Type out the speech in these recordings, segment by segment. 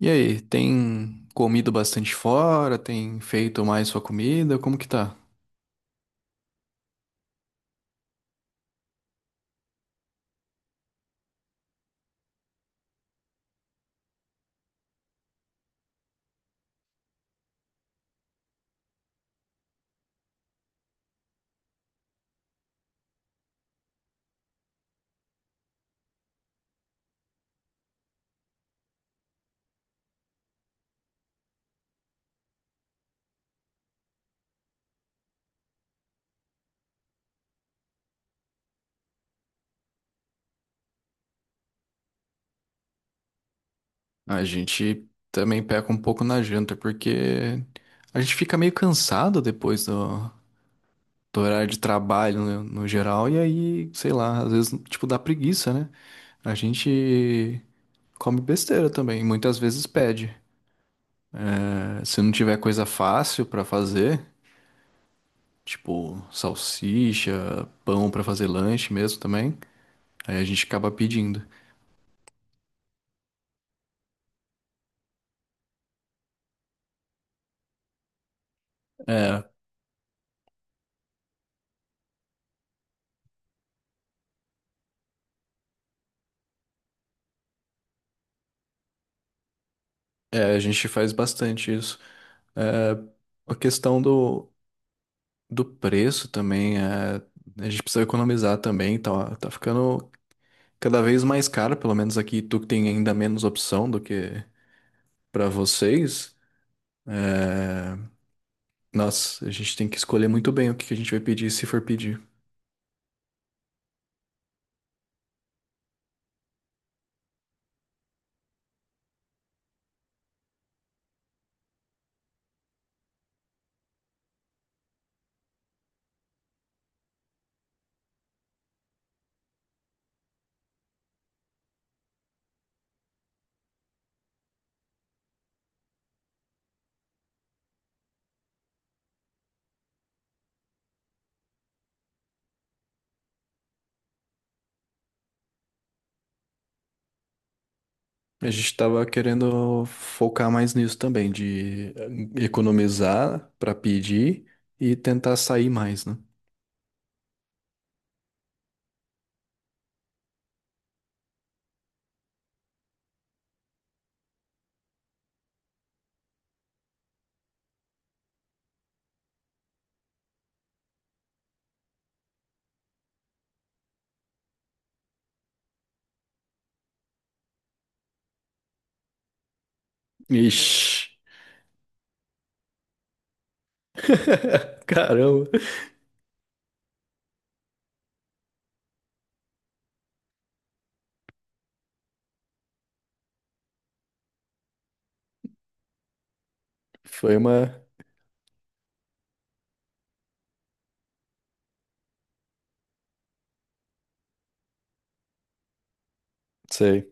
E aí, tem comido bastante fora? Tem feito mais sua comida? Como que tá? A gente também peca um pouco na janta, porque a gente fica meio cansado depois do horário de trabalho no geral, e aí, sei lá, às vezes, tipo, dá preguiça, né? A gente come besteira também, muitas vezes pede. Se não tiver coisa fácil pra fazer, tipo salsicha, pão pra fazer lanche mesmo também, aí a gente acaba pedindo. É, É, a gente faz bastante isso. É, a questão do preço também, a gente precisa economizar também, tá ficando cada vez mais caro, pelo menos aqui tu que tem ainda menos opção do que pra vocês. Nossa, a gente tem que escolher muito bem o que que a gente vai pedir, se for pedir. A gente tava querendo focar mais nisso também, de economizar pra pedir e tentar sair mais, né? Ixi! Caramba! Foi uma. Sei.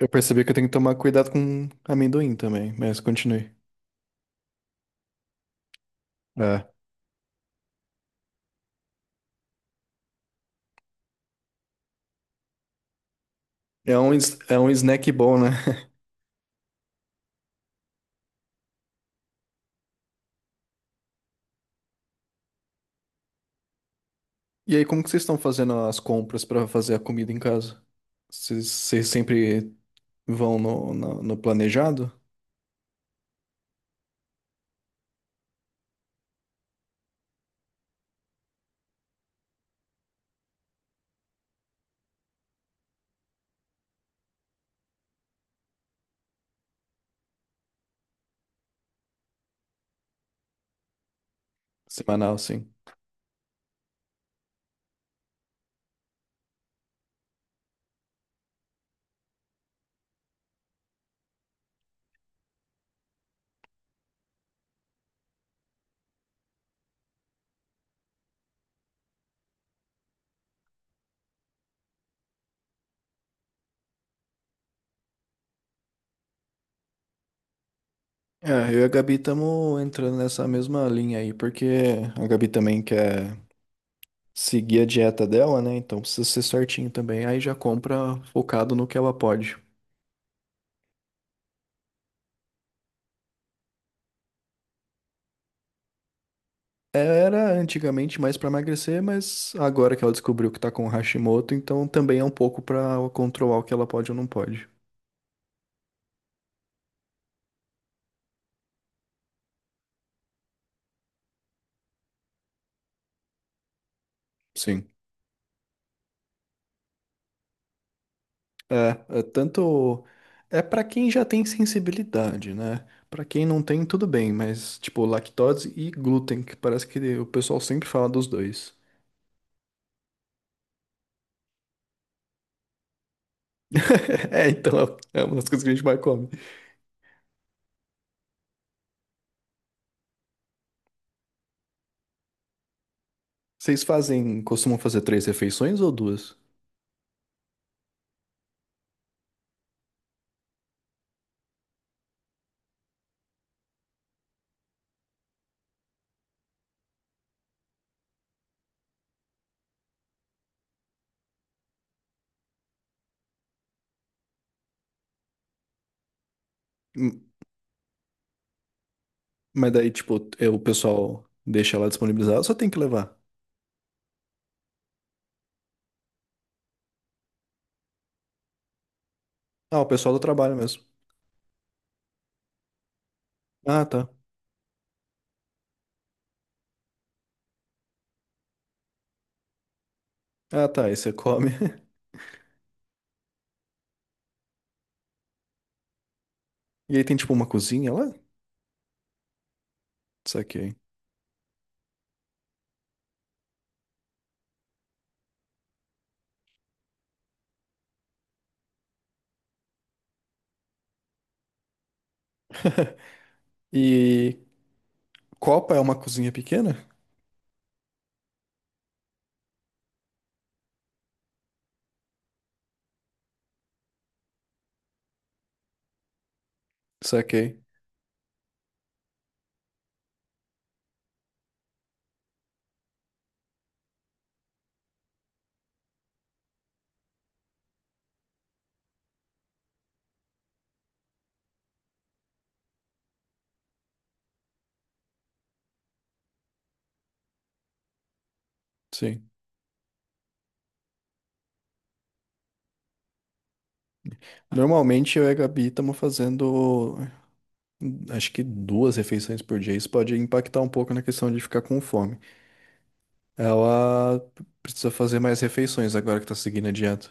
Eu percebi que eu tenho que tomar cuidado com amendoim também, mas continue. É. É um snack bom, né? E aí, como que vocês estão fazendo as compras pra fazer a comida em casa? Vocês sempre vão no planejado? Semanal, sim. É, eu e a Gabi estamos entrando nessa mesma linha aí, porque a Gabi também quer seguir a dieta dela, né? Então precisa ser certinho também. Aí já compra focado no que ela pode. Era antigamente mais para emagrecer, mas agora que ela descobriu que tá com Hashimoto, então também é um pouco para controlar o que ela pode ou não pode. Sim. É, é tanto é para quem já tem sensibilidade, né? Para quem não tem, tudo bem, mas tipo lactose e glúten, que parece que o pessoal sempre fala dos dois. É, então é uma das coisas que a gente mais come. Vocês fazem, costumam fazer três refeições ou duas? Hum. Mas daí, tipo, é, o pessoal deixa lá disponibilizado, só tem que levar. Ah, o pessoal do trabalho mesmo. Ah, tá. Ah, tá. Aí você come. E aí tem tipo uma cozinha lá? Saquei. E copa é uma cozinha pequena? Saquei. Sim. Normalmente eu e a Gabi estamos fazendo, acho que duas refeições por dia. Isso pode impactar um pouco na questão de ficar com fome. Ela precisa fazer mais refeições agora que tá seguindo a dieta.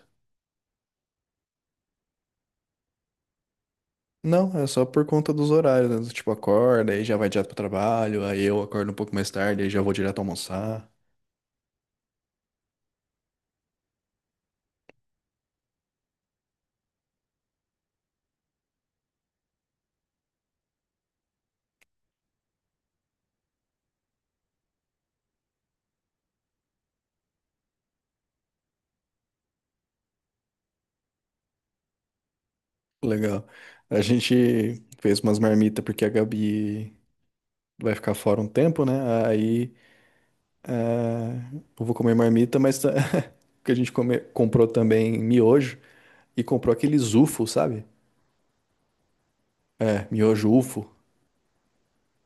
Não, é só por conta dos horários, né? Tipo, acorda, aí já vai direto pro trabalho, aí eu acordo um pouco mais tarde, aí já vou direto almoçar. Legal. A gente fez umas marmitas porque a Gabi vai ficar fora um tempo, né? Aí ah, eu vou comer marmita, mas tá- que a gente come- comprou também miojo e comprou aqueles UFO, sabe? É, miojo UFO.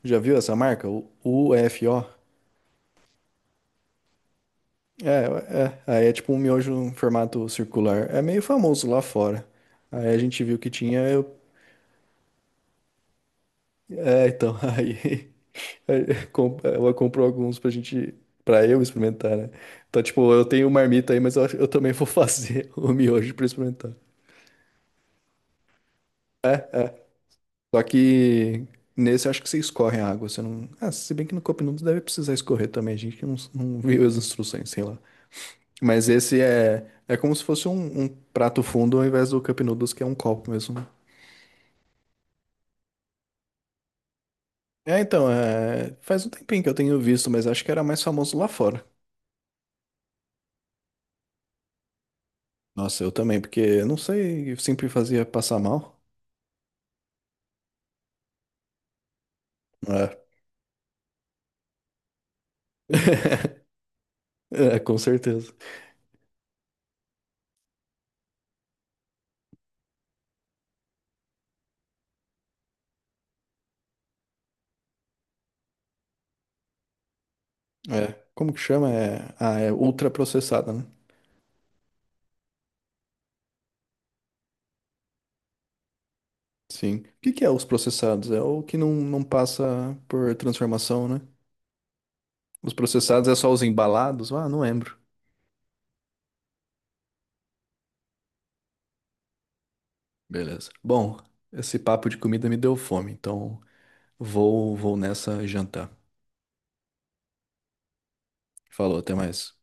Já viu essa marca? O UFO? É, é. Aí é tipo um miojo em formato circular. É meio famoso lá fora. Aí a gente viu que tinha. Eu... É, então, aí. Aí, com- Ela comprou alguns pra gente, pra eu experimentar, né? Então, tipo, eu tenho uma marmita aí, mas eu, acho- eu também vou fazer o miojo pra experimentar. Só que nesse eu acho que você escorre a água, você não. Ah, se bem que no Cup Noodles deve precisar escorrer também, a gente não viu as instruções, sei lá. Mas esse é como se fosse um prato fundo ao invés do Cup Noodles, que é um copo mesmo. Né? É, então, é, faz um tempinho que eu tenho visto, mas acho que era mais famoso lá fora. Nossa, eu também, porque eu não sei, eu sempre fazia passar mal. É. É, com certeza. É. Como que chama? É, ah, é ultraprocessada, né? Sim. O que que é os processados? É o que não passa por transformação, né? Os processados é só os embalados? Ah, não lembro. Beleza. Bom, esse papo de comida me deu fome, então vou nessa jantar. Falou, até mais.